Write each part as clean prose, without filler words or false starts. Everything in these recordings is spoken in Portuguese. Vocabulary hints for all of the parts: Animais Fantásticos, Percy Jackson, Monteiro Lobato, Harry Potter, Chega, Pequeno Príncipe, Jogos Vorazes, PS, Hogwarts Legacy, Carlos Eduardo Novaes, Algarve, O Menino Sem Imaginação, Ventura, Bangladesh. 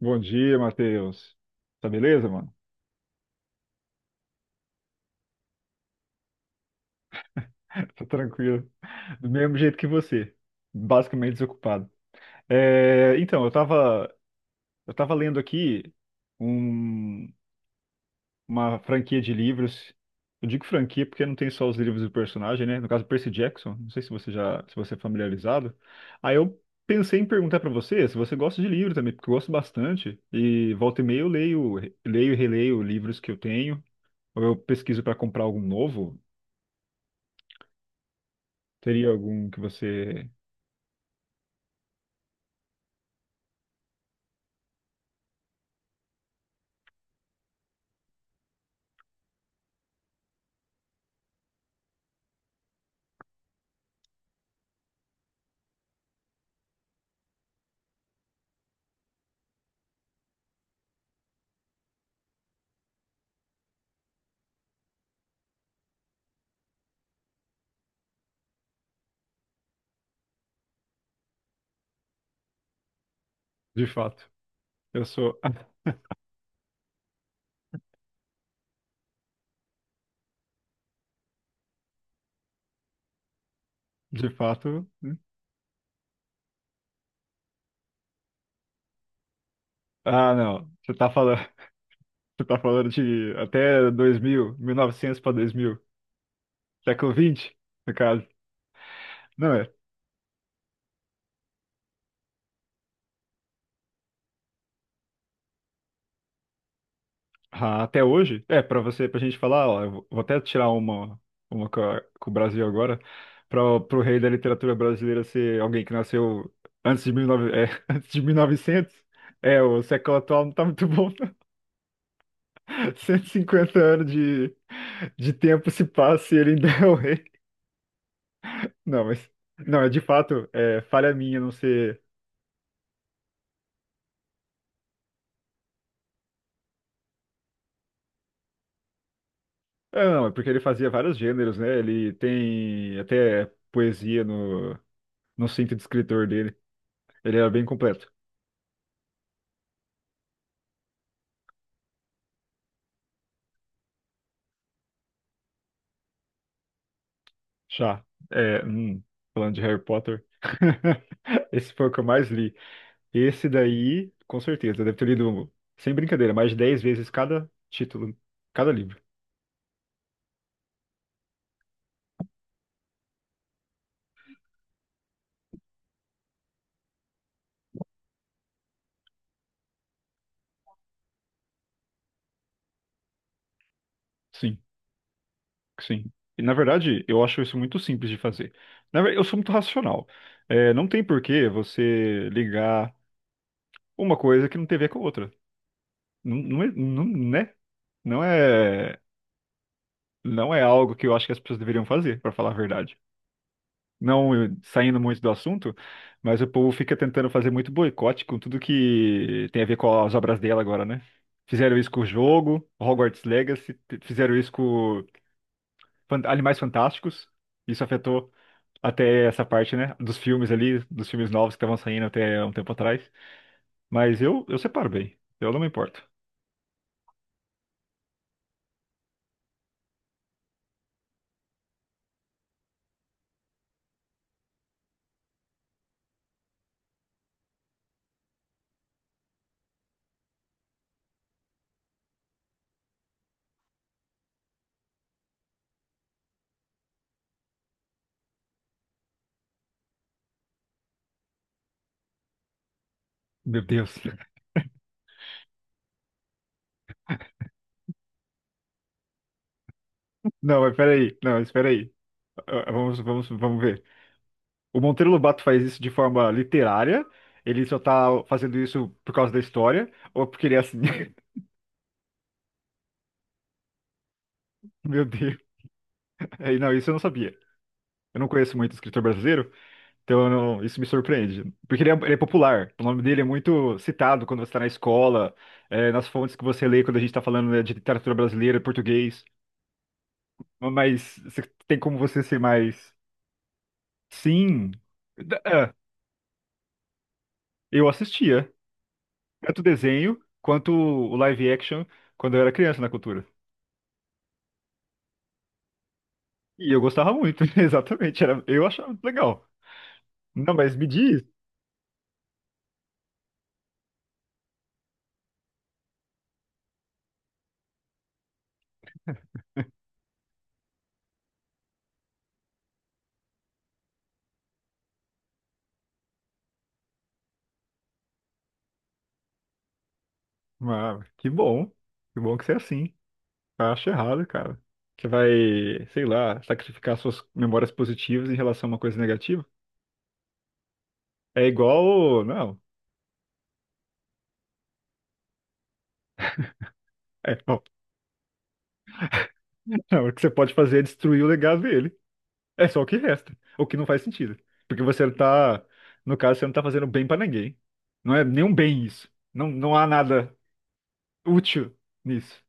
Bom dia, Matheus. Tá beleza, mano? Tô tranquilo. Do mesmo jeito que você. Basicamente desocupado. É, então, eu tava lendo aqui um- uma franquia de livros. Eu digo franquia porque não tem só os livros do personagem, né? No caso, Percy Jackson. Não sei se você é familiarizado. Aí eu pensei em perguntar pra você se você gosta de livro também, porque eu gosto bastante. E volta e meia eu leio e releio livros que eu tenho. Ou eu pesquiso pra comprar algum novo. Teria algum que você, de fato, eu sou, de fato, hum? Ah, não, você tá falando, você tá falando de até 2000, 900 para 2000 século 20, no caso. Não é, ah, até hoje, é, para você, pra gente falar, ó, eu vou até tirar uma com o Brasil agora, para o rei da literatura brasileira ser alguém que nasceu antes de 19, é, antes de 1900. É, o século atual não tá muito bom, 150 anos de tempo se passa e ele ainda é o rei. Não, mas. Não, é de fato, é falha minha não ser. Ah, não, é porque ele fazia vários gêneros, né? Ele tem até poesia no cinto de escritor dele. Ele era bem completo. Já. É, falando de Harry Potter. Esse foi o que eu mais li. Esse daí, com certeza, deve ter lido, sem brincadeira, mais de 10 vezes cada título, cada livro. Sim. Sim. E, na verdade, eu acho isso muito simples de fazer. Na verdade, eu sou muito racional. É, não tem por que você ligar uma coisa que não tem a ver com a outra. Não, não, não, né? Não é, não é algo que eu acho que as pessoas deveriam fazer, para falar a verdade. Não saindo muito do assunto, mas o povo fica tentando fazer muito boicote com tudo que tem a ver com as obras dela agora, né? Fizeram isso com o jogo, Hogwarts Legacy, fizeram isso com Animais Fantásticos. Isso afetou até essa parte, né? Dos filmes ali, dos filmes novos que estavam saindo até um tempo atrás. Mas eu separo bem. Eu não me importo. Meu Deus. Não, mas peraí. Não, espera aí. Ah, vamos, vamos, vamos ver. O Monteiro Lobato faz isso de forma literária. Ele só tá fazendo isso por causa da história, ou porque ele é assim. Meu Deus. É, não, isso eu não sabia. Eu não conheço muito escritor brasileiro, então, eu não- isso me surpreende. Porque ele é popular. O nome dele é muito citado quando você está na escola, nas fontes que você lê quando a gente está falando, né, de literatura brasileira, português. Mas tem como você ser mais. Sim. Da- é, eu assistia. Tanto o desenho quanto o live action quando eu era criança na cultura. E eu gostava muito, exatamente. Era, eu achava legal. Não, mas me diz. Ah, que bom. Que bom que você é assim. Eu acho errado, cara. Que vai, sei lá, sacrificar suas memórias positivas em relação a uma coisa negativa. É igual. Não. É, não. Não, o que você pode fazer é destruir o legado dele. É só o que resta. O que não faz sentido. Porque você tá. No caso, você não tá fazendo bem pra ninguém. Não é nenhum bem isso. Não, não há nada útil nisso.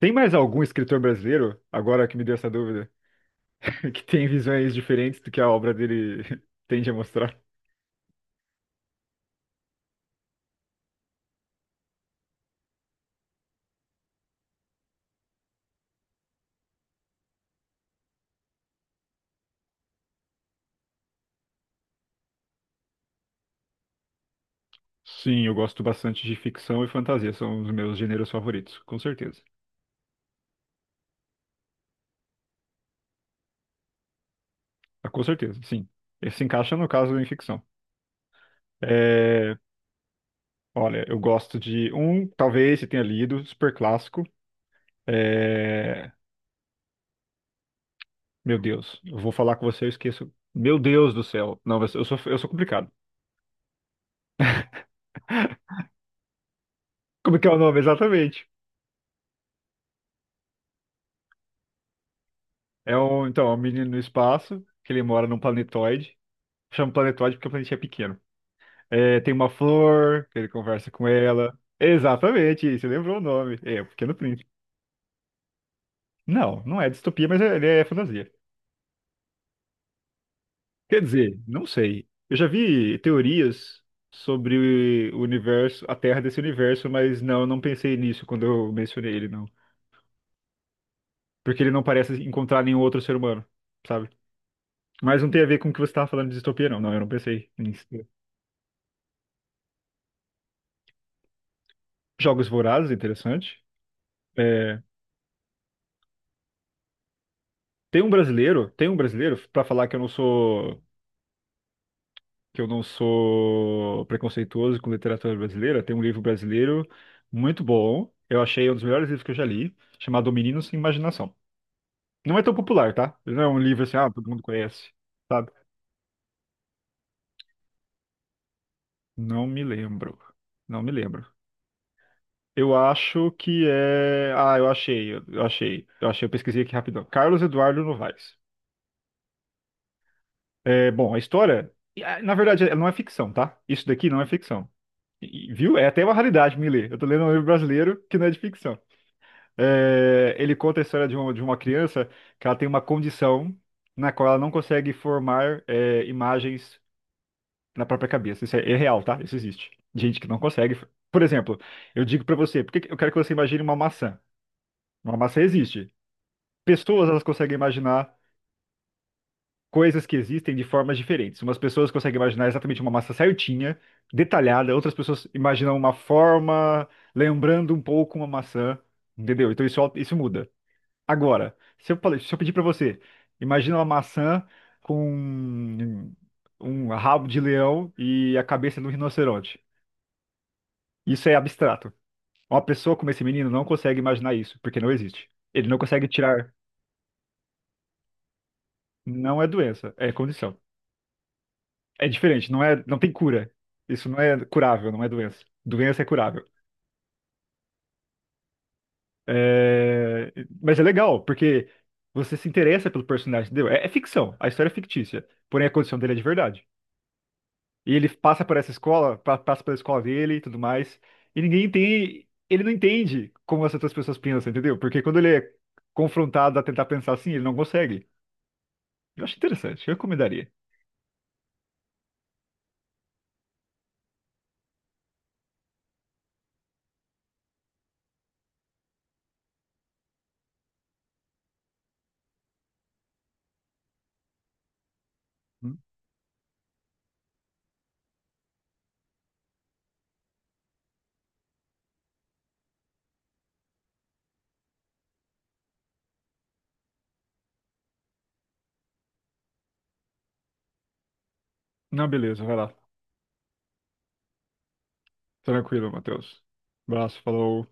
Tem mais algum escritor brasileiro, agora que me deu essa dúvida, que tem visões diferentes do que a obra dele tende a mostrar? Sim, eu gosto bastante de ficção e fantasia, são os meus gêneros favoritos, com certeza. Ah, com certeza, sim. Esse se encaixa no caso em ficção. É, olha, eu gosto de um, talvez você tenha lido, super clássico. É, meu Deus, eu vou falar com você, eu esqueço. Meu Deus do céu. Não, mas eu sou complicado. Como é que é o nome exatamente? É um, então, é um menino no espaço, que ele mora num planetoide. Chama planetoide porque o planeta é pequeno. É, tem uma flor, que ele conversa com ela. Exatamente, você lembrou o nome. É, o Pequeno Príncipe. Não, não é distopia, mas ele é fantasia. Quer dizer, não sei. Eu já vi teorias sobre o universo, a Terra desse universo, mas não, eu não pensei nisso quando eu mencionei ele, não. Porque ele não parece encontrar nenhum outro ser humano, sabe? Mas não tem a ver com o que você estava falando de distopia, não. Não, eu não pensei nisso. Jogos Vorazes, interessante. É, tem um brasileiro, para falar que eu não sou preconceituoso com literatura brasileira, tem um livro brasileiro muito bom. Eu achei um dos melhores livros que eu já li, chamado O Menino Sem Imaginação. Não é tão popular, tá? Não é um livro assim, ah, todo mundo conhece, sabe? Não me lembro. Não me lembro. Eu acho que é. Ah, eu achei, eu pesquisei aqui rapidão. Carlos Eduardo Novaes. É, bom, a história, na verdade, ela não é ficção, tá? Isso daqui não é ficção. Viu? É até uma raridade me ler. Eu tô lendo um livro brasileiro que não é de ficção. É, ele conta a história de uma criança que ela tem uma condição na qual ela não consegue formar imagens na própria cabeça. Isso é real, tá? Isso existe. Gente que não consegue. Por exemplo, eu digo pra você, por que que eu quero que você imagine uma maçã? Uma maçã existe. Pessoas, elas conseguem imaginar coisas que existem de formas diferentes. Umas pessoas conseguem imaginar exatamente uma maçã certinha, detalhada. Outras pessoas imaginam uma forma lembrando um pouco uma maçã, entendeu? Então isso muda. Agora, se eu pedir pra você, imagina uma maçã com um rabo de leão e a cabeça de um rinoceronte. Isso é abstrato. Uma pessoa como esse menino não consegue imaginar isso, porque não existe. Ele não consegue tirar. Não é doença, é condição. É diferente, não é, não tem cura. Isso não é curável, não é doença. Doença é curável. É, Mas é legal, porque você se interessa pelo personagem, entendeu? É ficção, a história é fictícia, porém a condição dele é de verdade. E ele passa por essa escola, passa pela escola dele e tudo mais. E ninguém entende, ele não entende como as outras pessoas pensam, entendeu? Porque quando ele é confrontado a tentar pensar assim, ele não consegue. Eu acho interessante, eu recomendaria. Hum? Não, beleza, vai lá. Tranquilo, Matheus. Abraço, falou.